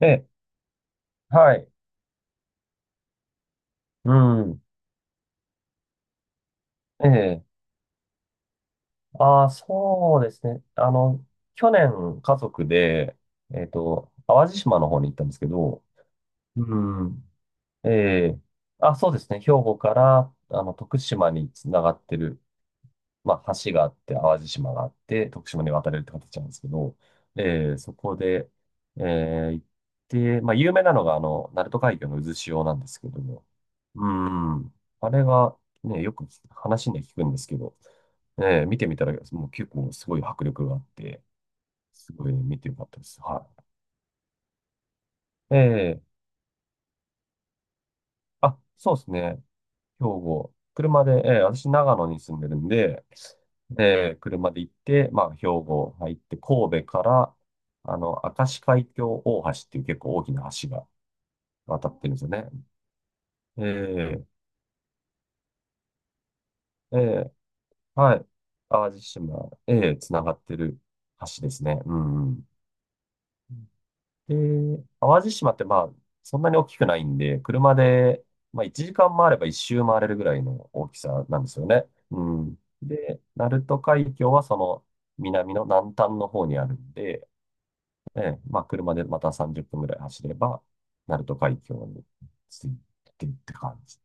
ええ、はい。うん。ええ。ああ、そうですね。去年、家族で、淡路島の方に行ったんですけど、うん。ええ。あ、そうですね。兵庫から、徳島につながってる、まあ、橋があって、淡路島があって、徳島に渡れるって形なんですけど、そこで、行って、まあ、有名なのが、鳴門海峡の渦潮なんですけども、うん、あれが、ね、よく聞く話で聞くんですけど、見てみたら、もう結構すごい迫力があって、すごい見てよかったです。はい。ええ。あ、そうですね。兵庫。車で、私、長野に住んでるんで、で、車で行って、まあ、兵庫入って、神戸から、明石海峡大橋っていう結構大きな橋が渡ってるんですよね。ええ、ええ、はい。淡路島、ええ、繋がってる橋ですね。うん、うん。で、淡路島ってまあ、そんなに大きくないんで、車で、まあ1時間回れば一周回れるぐらいの大きさなんですよね。うん。で、鳴門海峡はその南の南端の方にあるんで、ええ、まあ車でまた30分ぐらい走れば、鳴門海峡に着いてって感じ。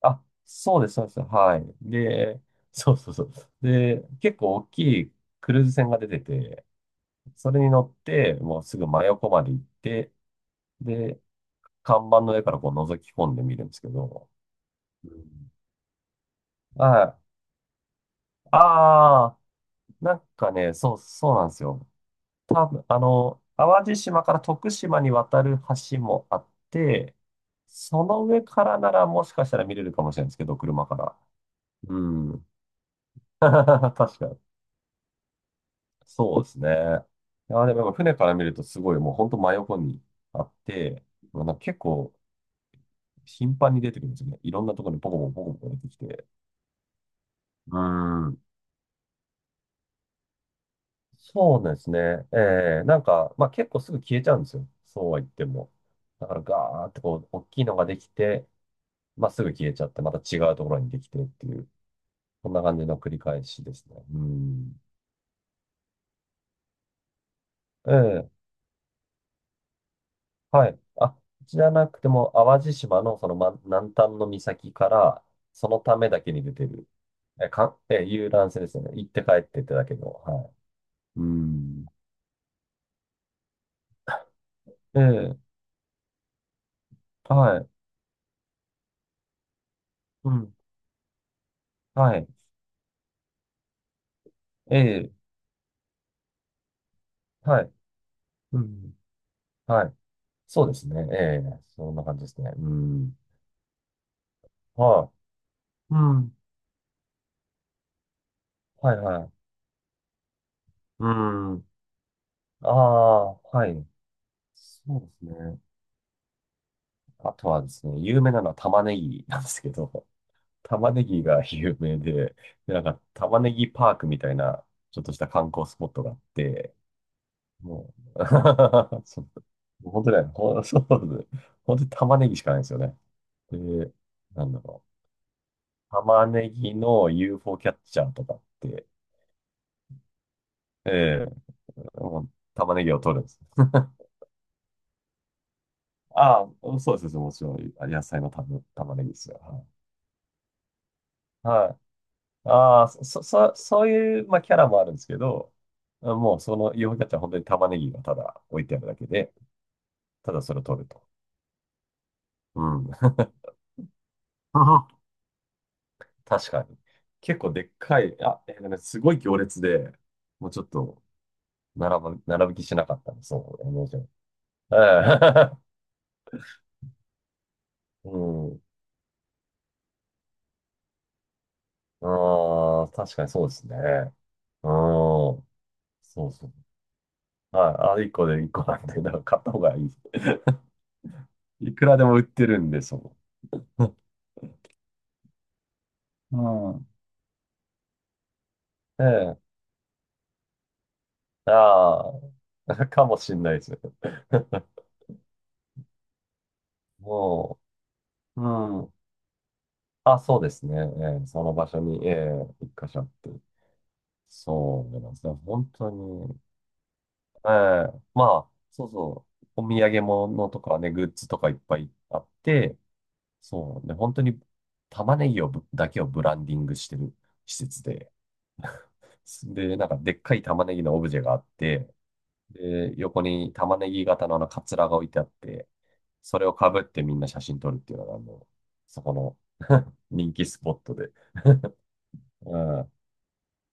あ、そうです、そうです。はい。で、そうそうそう。で、結構大きいクルーズ船が出てて、それに乗って、もうすぐ真横まで行って、で、看板の上からこう覗き込んでみるんですけど、うん、はい。ああ、なんかね、そう、そうなんですよ。多分、淡路島から徳島に渡る橋もあって、その上からならもしかしたら見れるかもしれないんですけど、車から。うん。確かに。そうですね。いや、でもやっぱ船から見るとすごいもう本当真横にあって、まあなんか結構頻繁に出てくるんですよね。いろんなところにポコポコポコポコ出てきて。うん。そうですね。ええ、なんか、まあ結構すぐ消えちゃうんですよ。そうは言っても。だからガーってこう、大きいのができて、まあすぐ消えちゃって、また違うところにできてっていう、こんな感じの繰り返しですね。うん。ええ、はい。あ、じゃなくても、淡路島のその、南端の岬から、そのためだけに出てる、え、か、え、遊覧船ですよね。行って帰ってってだけど、はい。うん。ええ、はい。うん。はい。ええ、はい。うん。はい。そうですね。ええ、そんな感じですね。うん。はい。うん。はい、はい。うん。ああ、はい。そうですね。あとはですね、有名なのは玉ねぎなんですけど、玉ねぎが有名で、で、なんか玉ねぎパークみたいな、ちょっとした観光スポットがあって、もう、そう、もう本当ね、そうです。本当に玉ねぎしかないんですよね。で、なんだろう。玉ねぎの UFO キャッチャーとかって、ええ、もう玉ねぎを取るんです。ああ、そうです、もちろん、あ、野菜の玉ねぎですよ。はい。はい、ああ、そういう、まあ、キャラもあるんですけど、もうそのユーフォーキャッチャーは本当に玉ねぎがただ置いてあるだけで、ただそれを取ると。うん。確かに。結構でっかい、あ、ね、すごい行列で、もうちょっと並ぶ気しなかったんです、そう、イメージは。ええ。 うん。ああ、確かにそうですね。うん。そう、そう、はい。あ、1個で1個なんで、だから買った方がいいです。いくらでも売ってるんで、その。うん。ええ。ああ、かもしんないです。もう、うん。あ、そうですね。ええ、その場所に、ええ、一箇所あって。そうなんですね。本当に。ええ、まあ、そうそう。お土産物とかね、グッズとかいっぱいあって、そう。で、本当に玉ねぎをぶだけをブランディングしてる施設で。で、なんかでっかい玉ねぎのオブジェがあって、で、横に玉ねぎ型のあのカツラが置いてあって、それをかぶってみんな写真撮るっていうのが、あの、そこの 人気スポットで。うん。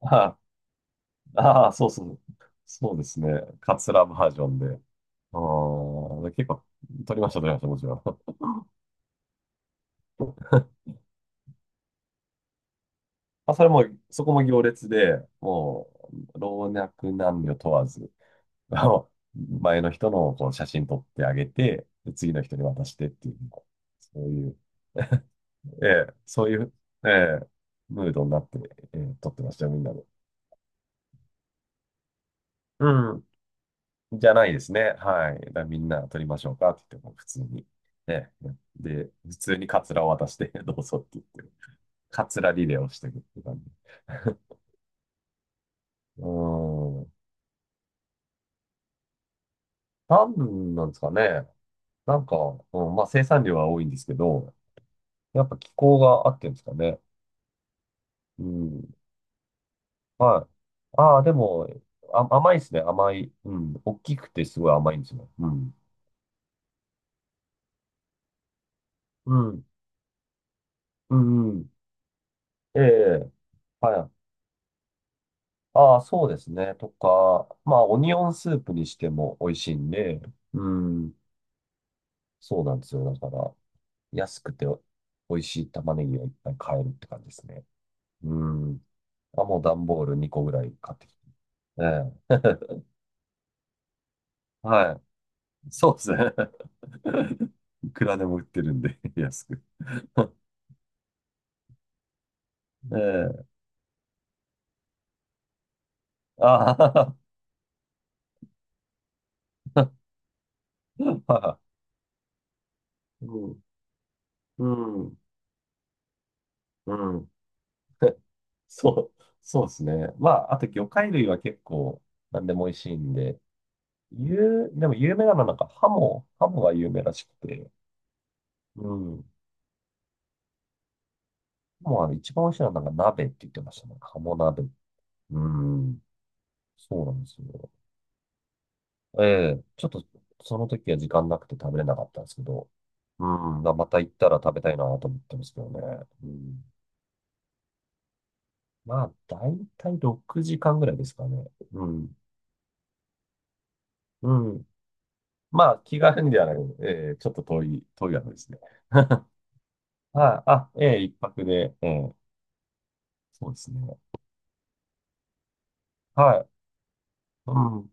ああ、そうそう。そうですね。カツラバージョンで。うん。結構撮りました、撮りました、もちろん。あ、それも、そこも行列で、もう、老若男女問わず、あの前の人のこう写真撮ってあげて、で次の人に渡してっていう、そういう、ええ、そういう、ええ、ムードになって、ええ、撮ってましたよ、みんなで。うん。じゃないですね。はい。だからみんな撮りましょうかって言っても、普通に。ね。で、普通にカツラを渡して、どうぞって言って、カツラリレーをしていくって感じ。うん。なんなんですかね。なんか、うん、まあ生産量は多いんですけど、やっぱ気候があってんですかね。うん。はい。ああ、でも、あ、甘いですね。甘い。うん。大きくてすごい甘いんですよ。うん。うん。うん。うん、ええ。はい。ああ、そうですね。とか、まあ、オニオンスープにしても美味しいんで、うん。そうなんですよ。だから、安くて美味しい玉ねぎをいっぱい買えるって感じですね。うん。あ、もう段ボール2個ぐらい買ってきて。ええ。はい。そうですね。いくらでも売ってるんで、安く。ええ。ああ、うん、うん、うん。そう、そうですね。まあ、あと魚介類は結構何でも美味しいんで、でも有名なのはなんかハモが有名らしくて、うん。ハモは一番美味しいのはなんか鍋って言ってましたね。ハモ鍋。うん。そうなんですよ。ええ、ちょっとその時は時間なくて食べれなかったんですけど、うん。まあまた行ったら食べたいなと思ってますけどね。うん。まあ、だいたい6時間ぐらいですかね。うん。うん。まあ、気軽にではなく、ちょっと遠い、遠いわけですね。はい。あ、ええ、一泊で、ええ、そうですね。はい。うん。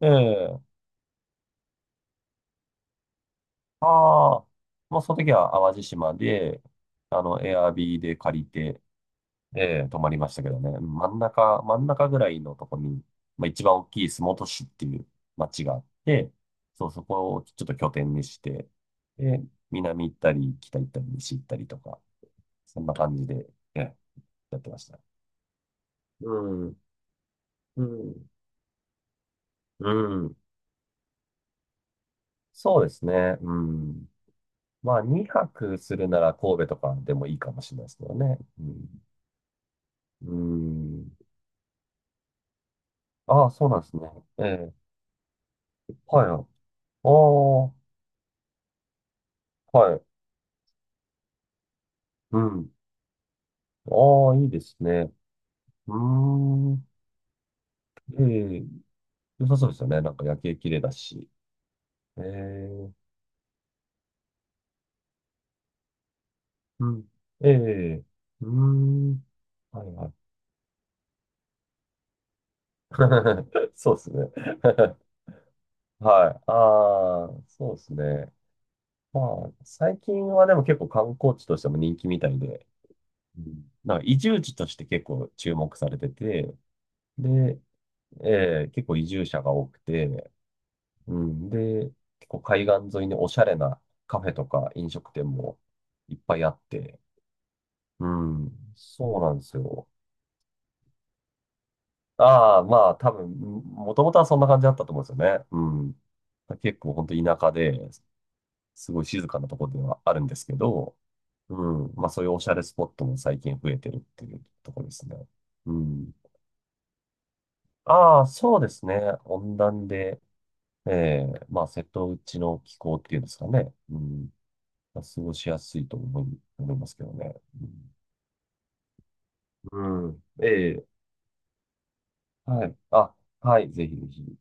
ええ。ああー、もうその時は淡路島で、エアビーで借りて、ええ、泊まりましたけどね。真ん中、真ん中ぐらいのとこに、まあ、一番大きい洲本市っていう町があって、そう、そこをちょっと拠点にして、で、南行ったり、北行ったり、西行ったりとか、そんな感じで、えやってました。うん、うん、うん。そうですね。うん。まあ、2泊するなら神戸とかでもいいかもしれないですけどね。うん。うん。ああ、そうなんですね。ええ、はい、はい。ああ、はい。うん。ああ、いいですね。うーん。ええ、良さそうですよね。なんか夜景綺麗だし。ええ、うん。ええ、うーん。はい、はい。そうですね。はい。ああ、そうですね。まあ、最近はでも結構観光地としても人気みたいで、うん、なんか移住地として結構注目されてて、で、ええ、結構移住者が多くて、うん。で、結構海岸沿いにおしゃれなカフェとか飲食店もいっぱいあって、うん。そうなんですよ。ああ、まあ多分、もともとはそんな感じだったと思うんですよね。うん。結構本当田舎で、すごい静かなところではあるんですけど、うん。まあそういうおしゃれスポットも最近増えてるっていうところですね。うん。ああ、そうですね。温暖で、ええ、まあ瀬戸内の気候っていうんですかね。うん。過ごしやすいと思いますけどね。うん、うん。ええ。はい。あ、はい。ぜひぜひ。